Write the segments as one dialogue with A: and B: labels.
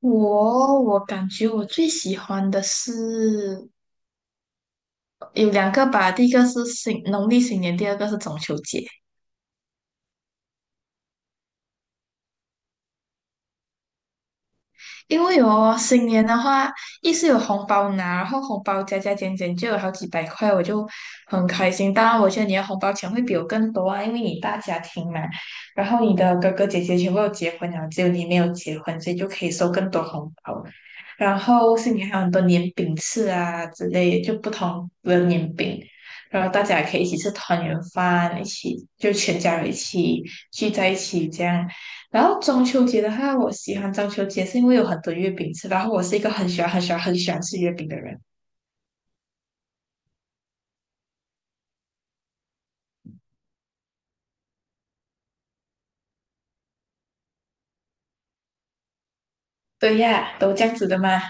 A: 我感觉我最喜欢的是有两个吧，第一个是新农历新年，第二个是中秋节。因为哦，新年的话，一是有红包拿，然后红包加加减减就有好几百块，我就很开心。当然，我觉得你的红包钱会比我更多啊，因为你大家庭嘛，然后你的哥哥姐姐全部都结婚了，只有你没有结婚，所以就可以收更多红包。然后新年还有很多年饼吃啊之类，就不同的年饼，然后大家也可以一起吃团圆饭，一起就全家人一起聚在一起这样。然后中秋节的话，我喜欢中秋节是因为有很多月饼吃，然后我是一个很喜欢、很喜欢、很喜欢吃月饼的人。对呀，都这样子的嘛。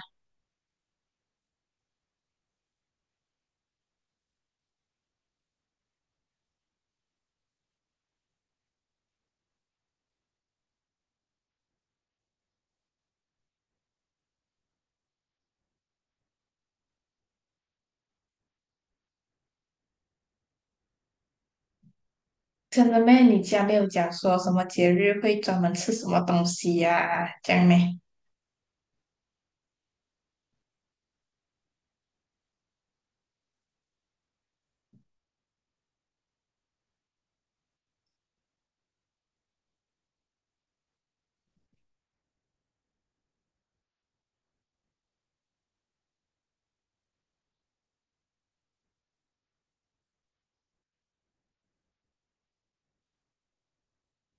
A: 真的咩？你家没有讲说什么节日会专门吃什么东西呀、这样咩？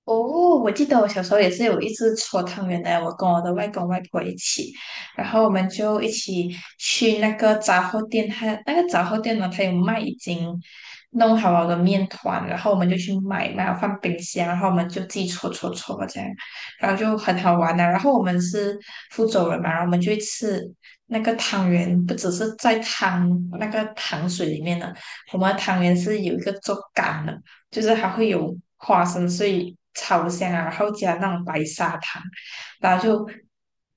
A: 哦，我记得我小时候也是有一次搓汤圆的，我跟我的外公外婆一起，然后我们就一起去那个杂货店，他那个杂货店呢，他有卖已经弄好了的面团，然后我们就去买，买了放冰箱，然后我们就自己搓搓搓这样，然后就很好玩的、然后我们是福州人嘛，然后我们就会吃那个汤圆，不只是在汤那个糖水里面的，我们的汤圆是有一个做干的。就是还会有花生碎炒香啊，然后加那种白砂糖，然后就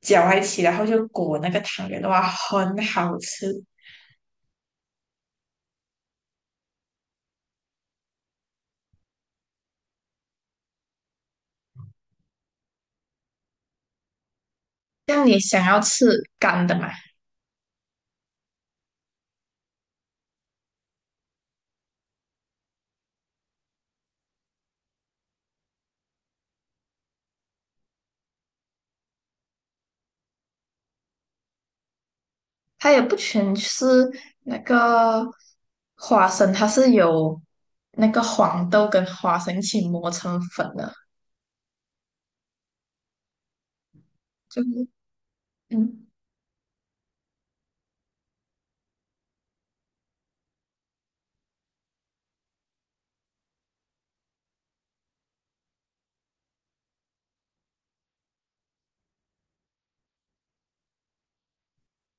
A: 搅在一起，然后就裹那个汤圆的话，很好吃。像你想要吃干的嘛？它也不全是那个花生，它是有那个黄豆跟花生一起磨成粉的，就是嗯。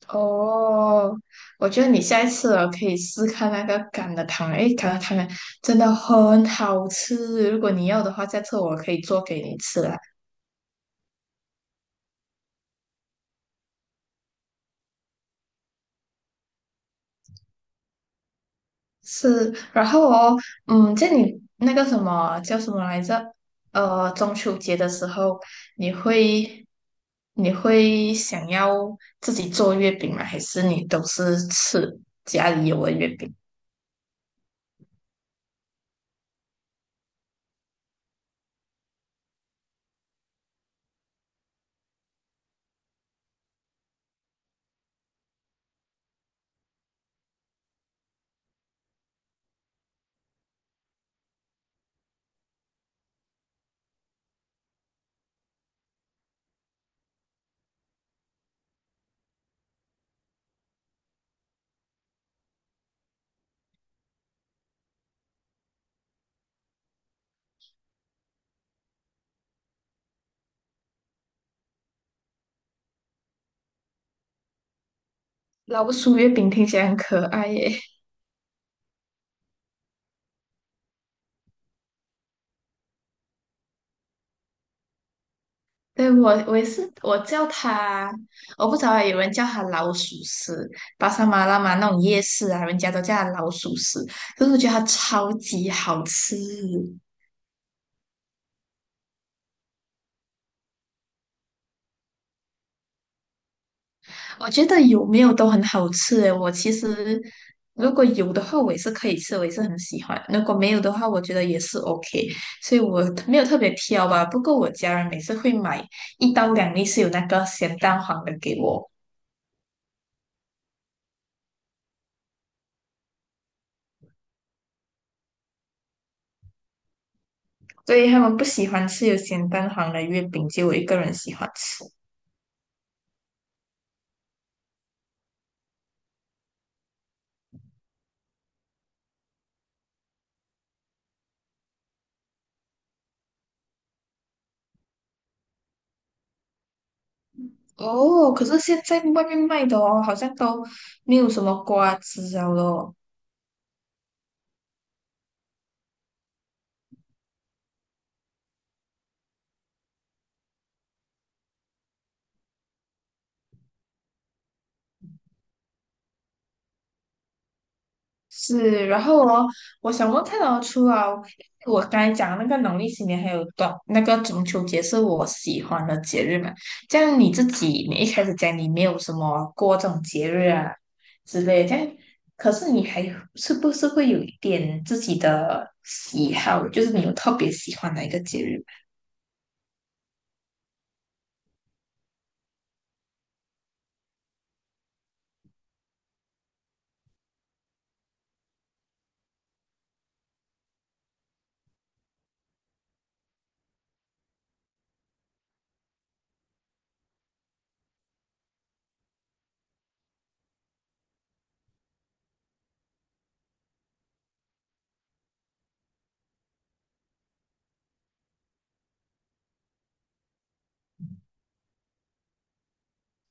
A: 哦，我觉得你下一次哦可以试看那个橄的汤圆，诶，橄榄汤圆真的很好吃。如果你要的话，下次我可以做给你吃啦。是，然后哦，嗯，就你那个什么叫什么来着？中秋节的时候，你会你会想要自己做月饼吗？还是你都是吃家里有的月饼？老鼠月饼听起来很可爱耶。对，我我也是，我叫它，我不知道欸有人叫它老鼠屎，巴沙马拉嘛那种夜市啊，人家都叫它老鼠屎，可是我觉得它超级好吃，我觉得有没有都很好吃诶，我其实如果有的话，我也是可以吃，我也是很喜欢；如果没有的话，我觉得也是 OK，所以我没有特别挑吧。不过我家人每次会买一到两粒是有那个咸蛋黄的给我。所以他们不喜欢吃有咸蛋黄的月饼，就我一个人喜欢吃。哦，可是现在外面卖的哦，好像都没有什么瓜子了咯。是，然后哦，我想问看哦，除了我刚才讲的那个农历新年，还有短那个中秋节是我喜欢的节日嘛？这样你自己，你一开始讲你没有什么过这种节日啊之类的，这样可是你还是不是会有一点自己的喜好，就是你有特别喜欢哪一个节日吗？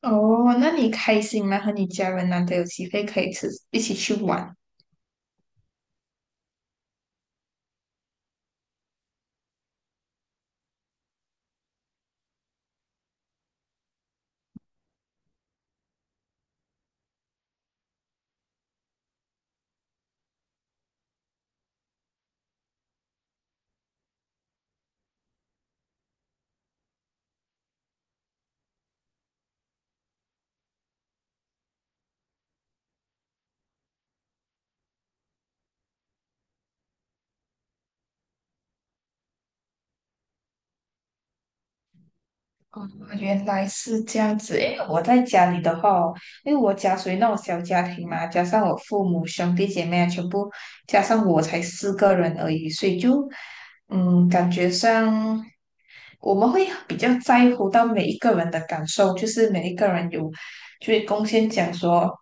A: 哦，那你开心吗？和你家人难得有机会可以吃，一起去玩。哦，原来是这样子诶。我在家里的话哦因为我家属于那种小家庭嘛，加上我父母、兄弟姐妹啊，全部加上我才四个人而已，所以就嗯，感觉上我们会比较在乎到每一个人的感受，就是每一个人有就是贡献，讲说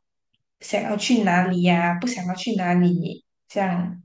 A: 想要去哪里呀、不想要去哪里，这样。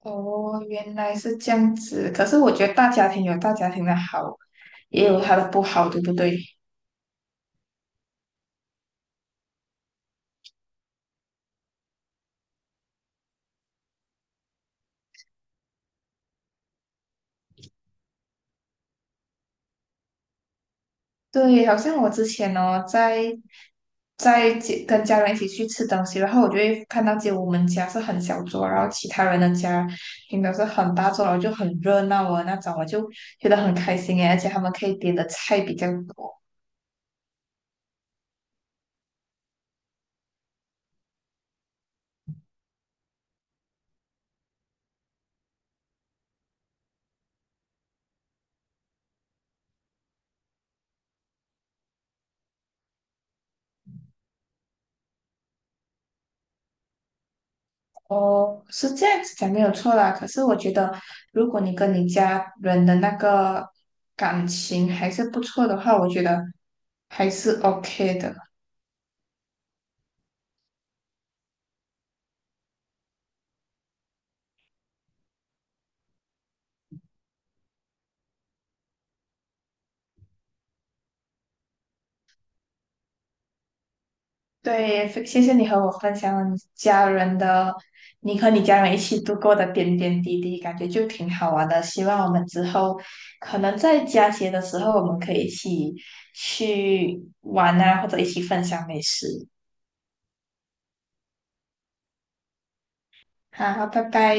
A: 哦，原来是这样子。可是我觉得大家庭有大家庭的好，也有它的不好，对不对？对，好像我之前哦，在街跟家人一起去吃东西，然后我就会看到，就我们家是很小桌，然后其他人的家平常是很大桌，然后就很热闹啊那种，我就觉得很开心诶，而且他们可以点的菜比较多。哦，是这样子讲没有错啦。可是我觉得，如果你跟你家人的那个感情还是不错的话，我觉得还是 OK 的。对，非谢谢你和我分享了你家人的，你和你家人一起度过的点点滴滴，感觉就挺好玩的。希望我们之后可能在佳节的时候，我们可以一起去玩啊，或者一起分享美食。好，拜拜。